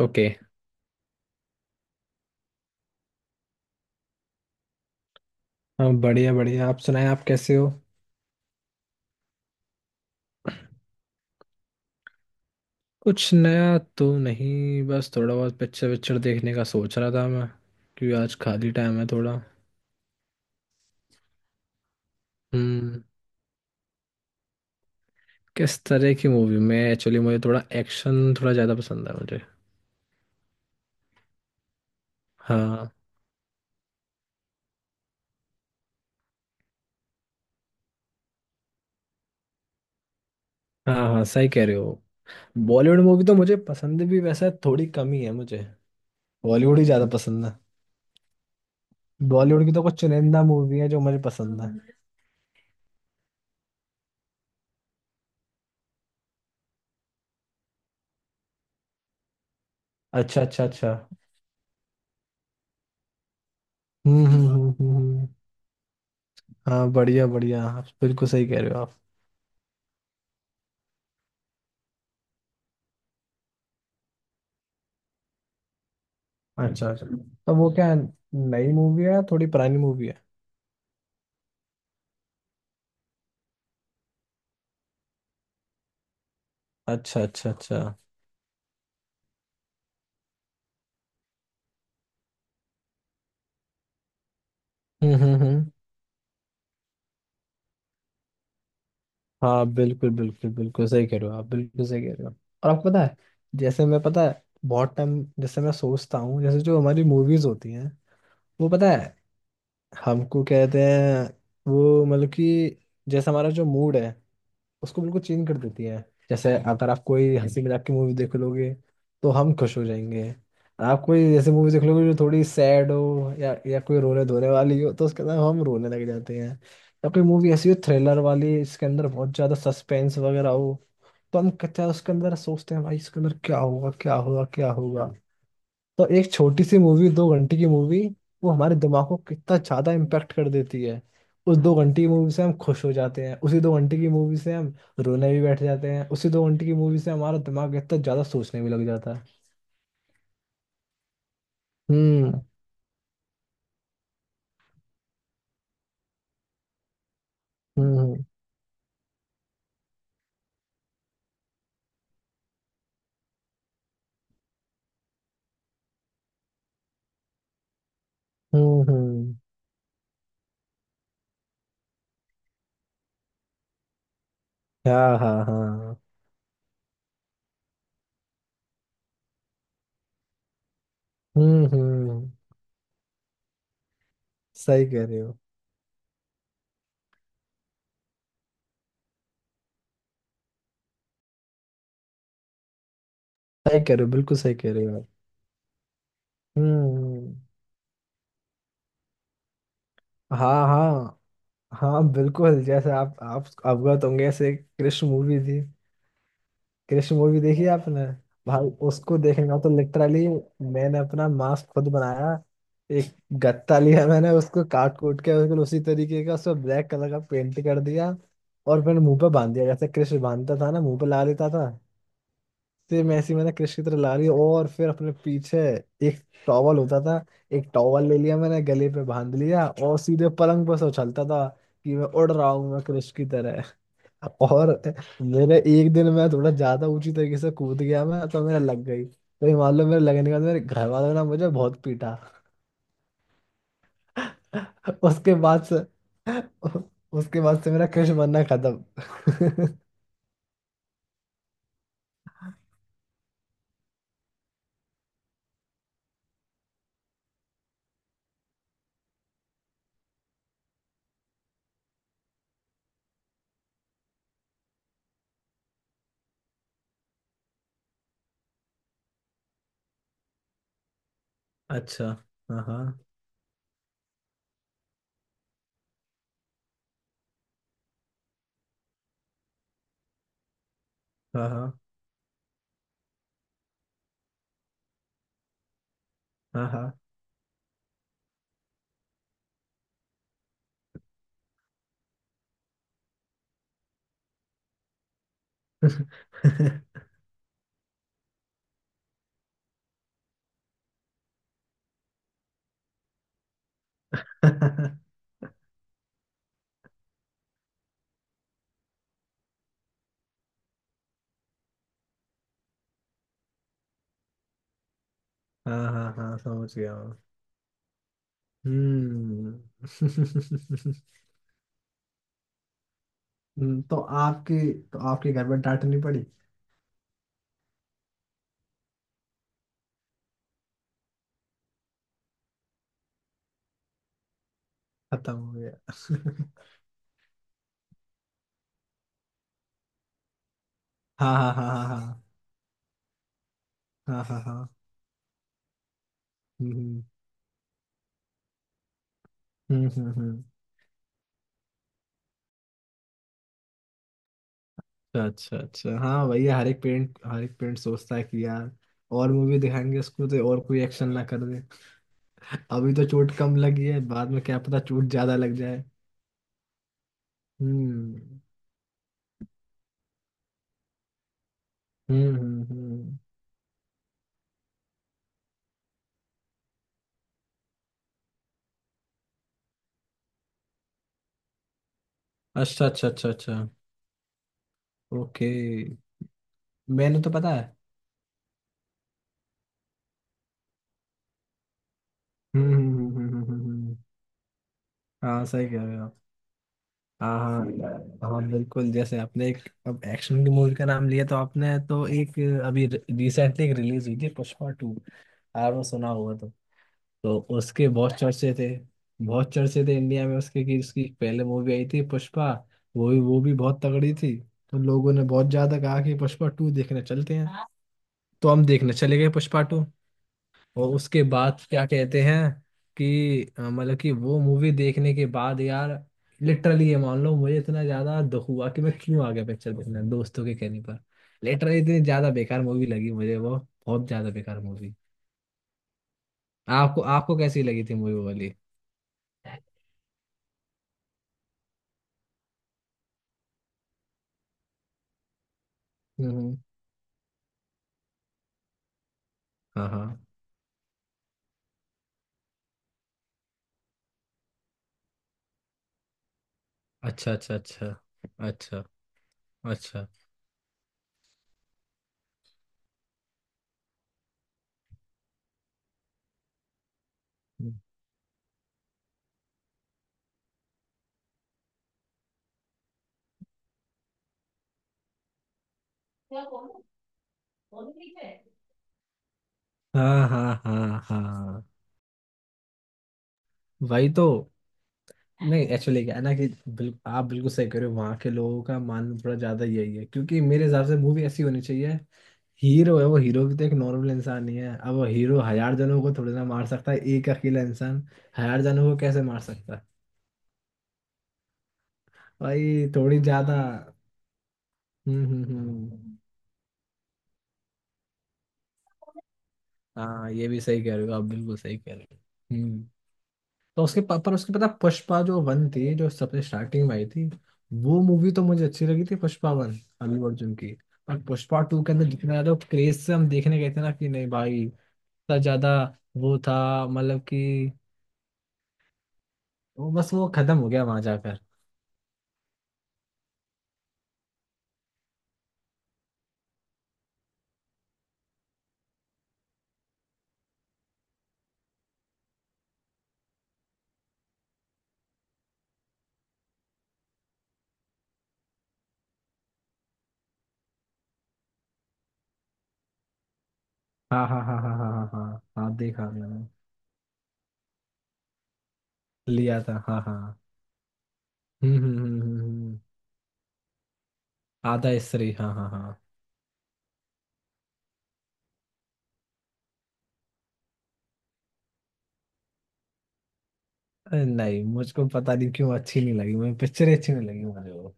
Okay. हाँ, बढ़िया बढ़िया, आप सुनाएं, आप कैसे हो? कुछ नया तो नहीं, बस थोड़ा बहुत पिक्चर विक्चर देखने का सोच रहा था मैं, क्योंकि आज खाली टाइम है थोड़ा। हम्म। किस तरह की मूवी में एक्चुअली मुझे थोड़ा एक्शन, थोड़ा ज़्यादा पसंद है मुझे। हाँ हाँ, हाँ सही कह रहे हो। बॉलीवुड मूवी तो मुझे पसंद भी वैसे थोड़ी कम ही है मुझे, बॉलीवुड ही ज़्यादा पसंद है। बॉलीवुड की तो कुछ चुनिंदा मूवी है जो मुझे पसंद है। अच्छा अच्छा अच्छा। हम्म, हम्म, हम्म, हम्म, हाँ बढ़िया बढ़िया, आप बिल्कुल सही कह रहे हो आप। अच्छा अच्छा, तो वो क्या नई मूवी है या थोड़ी पुरानी मूवी है? अच्छा अच्छा अच्छा। हम्म, हम्म, हम्म। हाँ बिल्कुल बिल्कुल बिल्कुल सही कह रहे हो आप, बिल्कुल सही कह रहे हो। और आपको पता है, जैसे मैं, पता है, बहुत टाइम जैसे मैं सोचता हूँ, जैसे जो हमारी मूवीज होती हैं, वो, पता है, हमको कहते हैं, वो मतलब कि, जैसे हमारा जो मूड है, उसको बिल्कुल चेंज कर देती है। जैसे अगर आप कोई हंसी मजाक की मूवी देख लोगे तो हम खुश हो जाएंगे। आप कोई जैसे मूवी देख लोगे जो थोड़ी सैड हो या कोई रोने धोने वाली हो, तो उसके अंदर हम रोने लग जाते हैं। या कोई मूवी ऐसी हो थ्रिलर वाली, इसके अंदर बहुत ज्यादा सस्पेंस वगैरह हो, तो हम कहते हैं उसके अंदर, सोचते हैं भाई इसके अंदर क्या होगा, क्या होगा, क्या होगा। तो एक छोटी सी मूवी, 2 घंटे की मूवी, वो हमारे दिमाग को कितना ज्यादा इम्पेक्ट कर देती है। उस 2 घंटे की मूवी से हम खुश हो जाते हैं, उसी 2 घंटे की मूवी से हम रोने भी बैठ जाते हैं, उसी दो घंटे की मूवी से हमारा दिमाग इतना ज्यादा सोचने भी लग जाता है। हम्म, हम्म, हम्म, हाँ हाँ हाँ। हम्म, हम्म। सही कह रहे हो, सही कह रहे हो, बिल्कुल सही कह रहे हो आप। हम्म। हाँ हाँ हाँ, बिल्कुल, जैसे आप अवगत होंगे, ऐसे एक कृष्ण मूवी थी। कृष मूवी देखी है आपने? भाई उसको देखना तो लिटरली, मैंने अपना मास्क खुद बनाया। एक गत्ता लिया मैंने, उसको काट कूट के बिल्कुल उसी तरीके का, उसको ब्लैक कलर का पेंट कर दिया। और मैंने मुंह पे बांध दिया, जैसे कृष बांधता था ना मुंह पे ला लेता था। सेम ऐसे ही मैंने कृष की तरह ला ली, और फिर अपने पीछे एक टॉवल होता था, एक टॉवल ले लिया मैंने, गले पे बांध लिया और सीधे पलंग पर से उछलता था कि मैं उड़ रहा हूँ मैं कृष की तरह। और मेरे एक दिन मैं थोड़ा ज्यादा ऊंची तरीके से कूद गया मैं, तो मेरा लग गई, तो ये मान लो मेरे लगने के बाद मेरे घर वालों ने मुझे बहुत पीटा। उसके बाद से, मेरा कृष बनना खत्म। अच्छा, हाँ हाँ हाँ हाँ हाँ हाँ। हाँ हाँ हाँ, समझ गया मैं। हम्म। तो आपकी तो आपके घर में डांट नहीं पड़ी? खत्म हो गया। हाँ हाँ हाँ हाँ हाँ हाँ हाँ हाँ। हम्म, हम्म, हम्म, अच्छा अच्छा अच्छा, हाँ भैया, हर एक पेरेंट सोचता है कि यार, और मूवी दिखाएंगे उसको तो और कोई एक्शन ना कर दे। अभी तो चोट कम लगी है, बाद में क्या पता चोट ज्यादा लग जाए। हम्म, हम्म, हम्म, अच्छा अच्छा अच्छा अच्छा। ओके। मैंने तो पता है। हम्म, हम्म, हम्म, हम्म, हम्म, हम्म। हाँ सही कह रहे हो। हाँ हाँ हाँ, बिल्कुल, जैसे आपने एक, अब एक्शन की मूवी का नाम लिया तो आपने तो, एक अभी रिसेंटली एक रिलीज हुई थी पुष्पा टू, यार वो सुना होगा तो। तो उसके बहुत चर्चे थे, बहुत चर्चे थे इंडिया में उसके, कि उसकी पहले मूवी आई थी पुष्पा, वो भी बहुत तगड़ी थी। तो लोगों ने बहुत ज्यादा कहा कि पुष्पा टू देखने चलते हैं, तो हम देखने चले गए पुष्पा टू। और उसके बाद क्या कहते हैं कि मतलब कि वो मूवी देखने के बाद यार, लिटरली ये मान लो मुझे इतना ज्यादा दुख हुआ कि मैं क्यों आ गया पिक्चर देखने दोस्तों के कहने पर। लिटरली इतनी ज्यादा बेकार मूवी लगी मुझे वो, बहुत ज्यादा बेकार मूवी। आपको आपको कैसी लगी थी मूवी वाली? हम्म। हाँ हाँ। अच्छा अच्छा अच्छा अच्छा अच्छा। हम्म। हाँ हाँ हाँ हाँ। वही तो, नहीं एक्चुअली क्या है ना कि, आप बिल्कुल सही कह रहे हो, वहाँ के लोगों का मानना थोड़ा ज्यादा यही है, क्योंकि मेरे हिसाब से मूवी ऐसी होनी चाहिए। हीरो है वो, हीरो भी तो एक नॉर्मल इंसान ही है, अब वो हीरो हजार जनों को थोड़ी ना मार सकता है, एक अकेला इंसान हजार जनों को कैसे मार सकता है? भाई थोड़ी ज्यादा। हम्म, हम्म, हम्म। हाँ ये भी सही कह रहे हो आप, बिल्कुल सही कह रहे हो। हम्म। तो उसके पर उसके पता, पुष्पा जो वन थी, जो सबसे स्टार्टिंग में आई थी, वो मूवी तो मुझे अच्छी लगी थी, पुष्पा वन, अल्लू अर्जुन की। पर पुष्पा टू के अंदर जितना ज्यादा क्रेज से हम देखने गए थे ना, कि नहीं भाई इतना ज्यादा वो था, मतलब कि, वो बस वो खत्म हो गया वहां जाकर। हाँ हाँ हाँ हाँ हाँ हाँ हाँ हाँ हाँ, देखा मैंने। लिया था, हाँ हाँ। हम्म, हम्म, हम्म, हम्म, हम्म। आधा स्त्री, हाँ हाँ हाँ। अरे नहीं, मुझको पता नहीं क्यों अच्छी नहीं लगी मुझे पिक्चर, अच्छी नहीं लगी मुझे वो।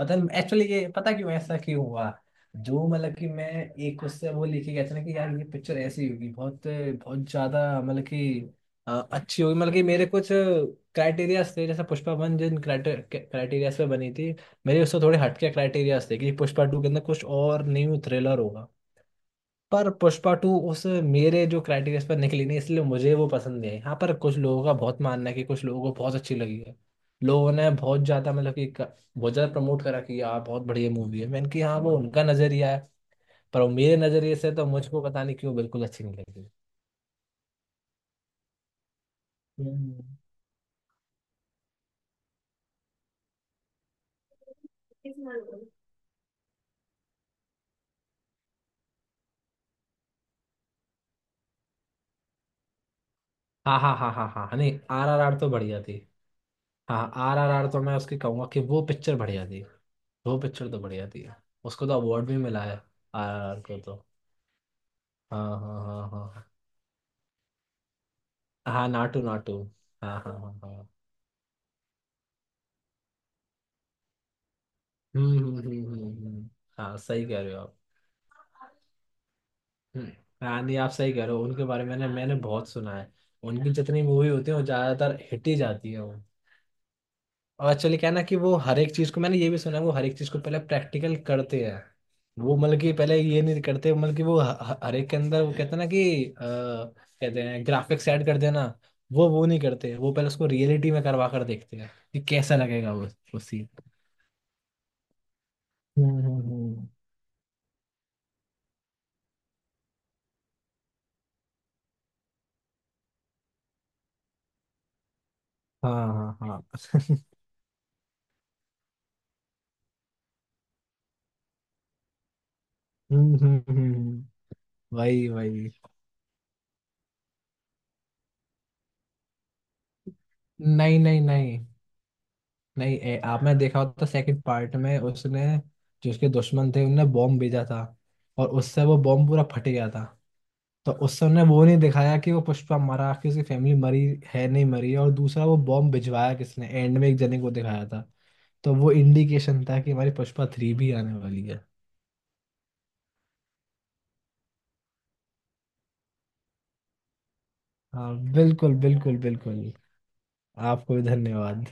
मतलब एक्चुअली ये, पता क्यों ऐसा क्यों हुआ, जो मतलब कि मैं, एक उससे वो लेके गया था ना, कि यार ये पिक्चर ऐसी होगी बहुत बहुत ज्यादा, मतलब कि अच्छी होगी, मतलब कि मेरे कुछ क्राइटेरिया थे जैसे पुष्पा वन जिन क्राइटेरिया पे बनी थी, मेरे उससे थोड़े हटके क्राइटेरिया थे कि पुष्पा टू के अंदर कुछ और न्यू थ्रिलर होगा। पर पुष्पा टू उस मेरे जो क्राइटेरिया पर निकली नहीं, इसलिए मुझे वो पसंद नहीं है, हाँ पर कुछ लोगों का बहुत मानना है कि कुछ लोगों को बहुत अच्छी लगी है, लोगों ने बहुत ज्यादा मतलब कि बहुत ज्यादा प्रमोट करा कि यार बहुत बढ़िया मूवी है, मैंने कि हाँ वो उनका नजरिया है, पर वो मेरे नजरिए से तो मुझको पता नहीं क्यों बिल्कुल अच्छी नहीं लगी। हम्म। हाँ हाँ हाँ हाँ हाँ, नहीं आर आर आर तो बढ़िया थी। हाँ आर आर आर तो मैं उसकी कहूंगा कि वो पिक्चर बढ़िया थी, वो पिक्चर तो बढ़िया थी, उसको तो अवार्ड भी मिला है आर आर आर को तो। हाँ हाँ हाँ हाँ हाँ, नाटू नाटू, हाँ हाँ हाँ हाँ। हम्म, हम्म, हम्म, हाँ सही कह रहे हो आप। हम्म, हाँ नहीं आप सही कह रहे हो, उनके बारे में मैंने मैंने बहुत सुना है, उनकी जितनी मूवी होती है वो ज़्यादातर हिट ही जाती है वो। और एक्चुअली क्या है ना कि, वो हर एक चीज़ को, मैंने ये भी सुना है वो हर एक चीज़ को पहले प्रैक्टिकल करते हैं, वो मतलब कि पहले ये नहीं करते, मतलब कि वो हर एक के अंदर वो कहते हैं ना कि कहते हैं ग्राफिक्स ऐड कर देना, वो नहीं करते, वो पहले उसको रियलिटी में करवा कर देखते हैं कि कैसा लगेगा वो सीन। हम्म, हाँ हाँ हाँ। हम्म, हम्म। वही वही। नहीं नहीं नहीं नहीं आपने देखा होता सेकंड पार्ट में, उसने जो उसके दुश्मन थे उनने बॉम्ब भेजा था, और उससे वो बॉम्ब पूरा फट गया था। तो उससे उन्हें वो नहीं दिखाया कि वो पुष्पा मरा कि उसकी फैमिली मरी है, नहीं मरी है, और दूसरा वो बॉम्ब भिजवाया किसने, एंड में एक जने को दिखाया था, तो वो इंडिकेशन था कि हमारी पुष्पा थ्री भी आने वाली है। हाँ बिल्कुल बिल्कुल बिल्कुल। आपको भी धन्यवाद।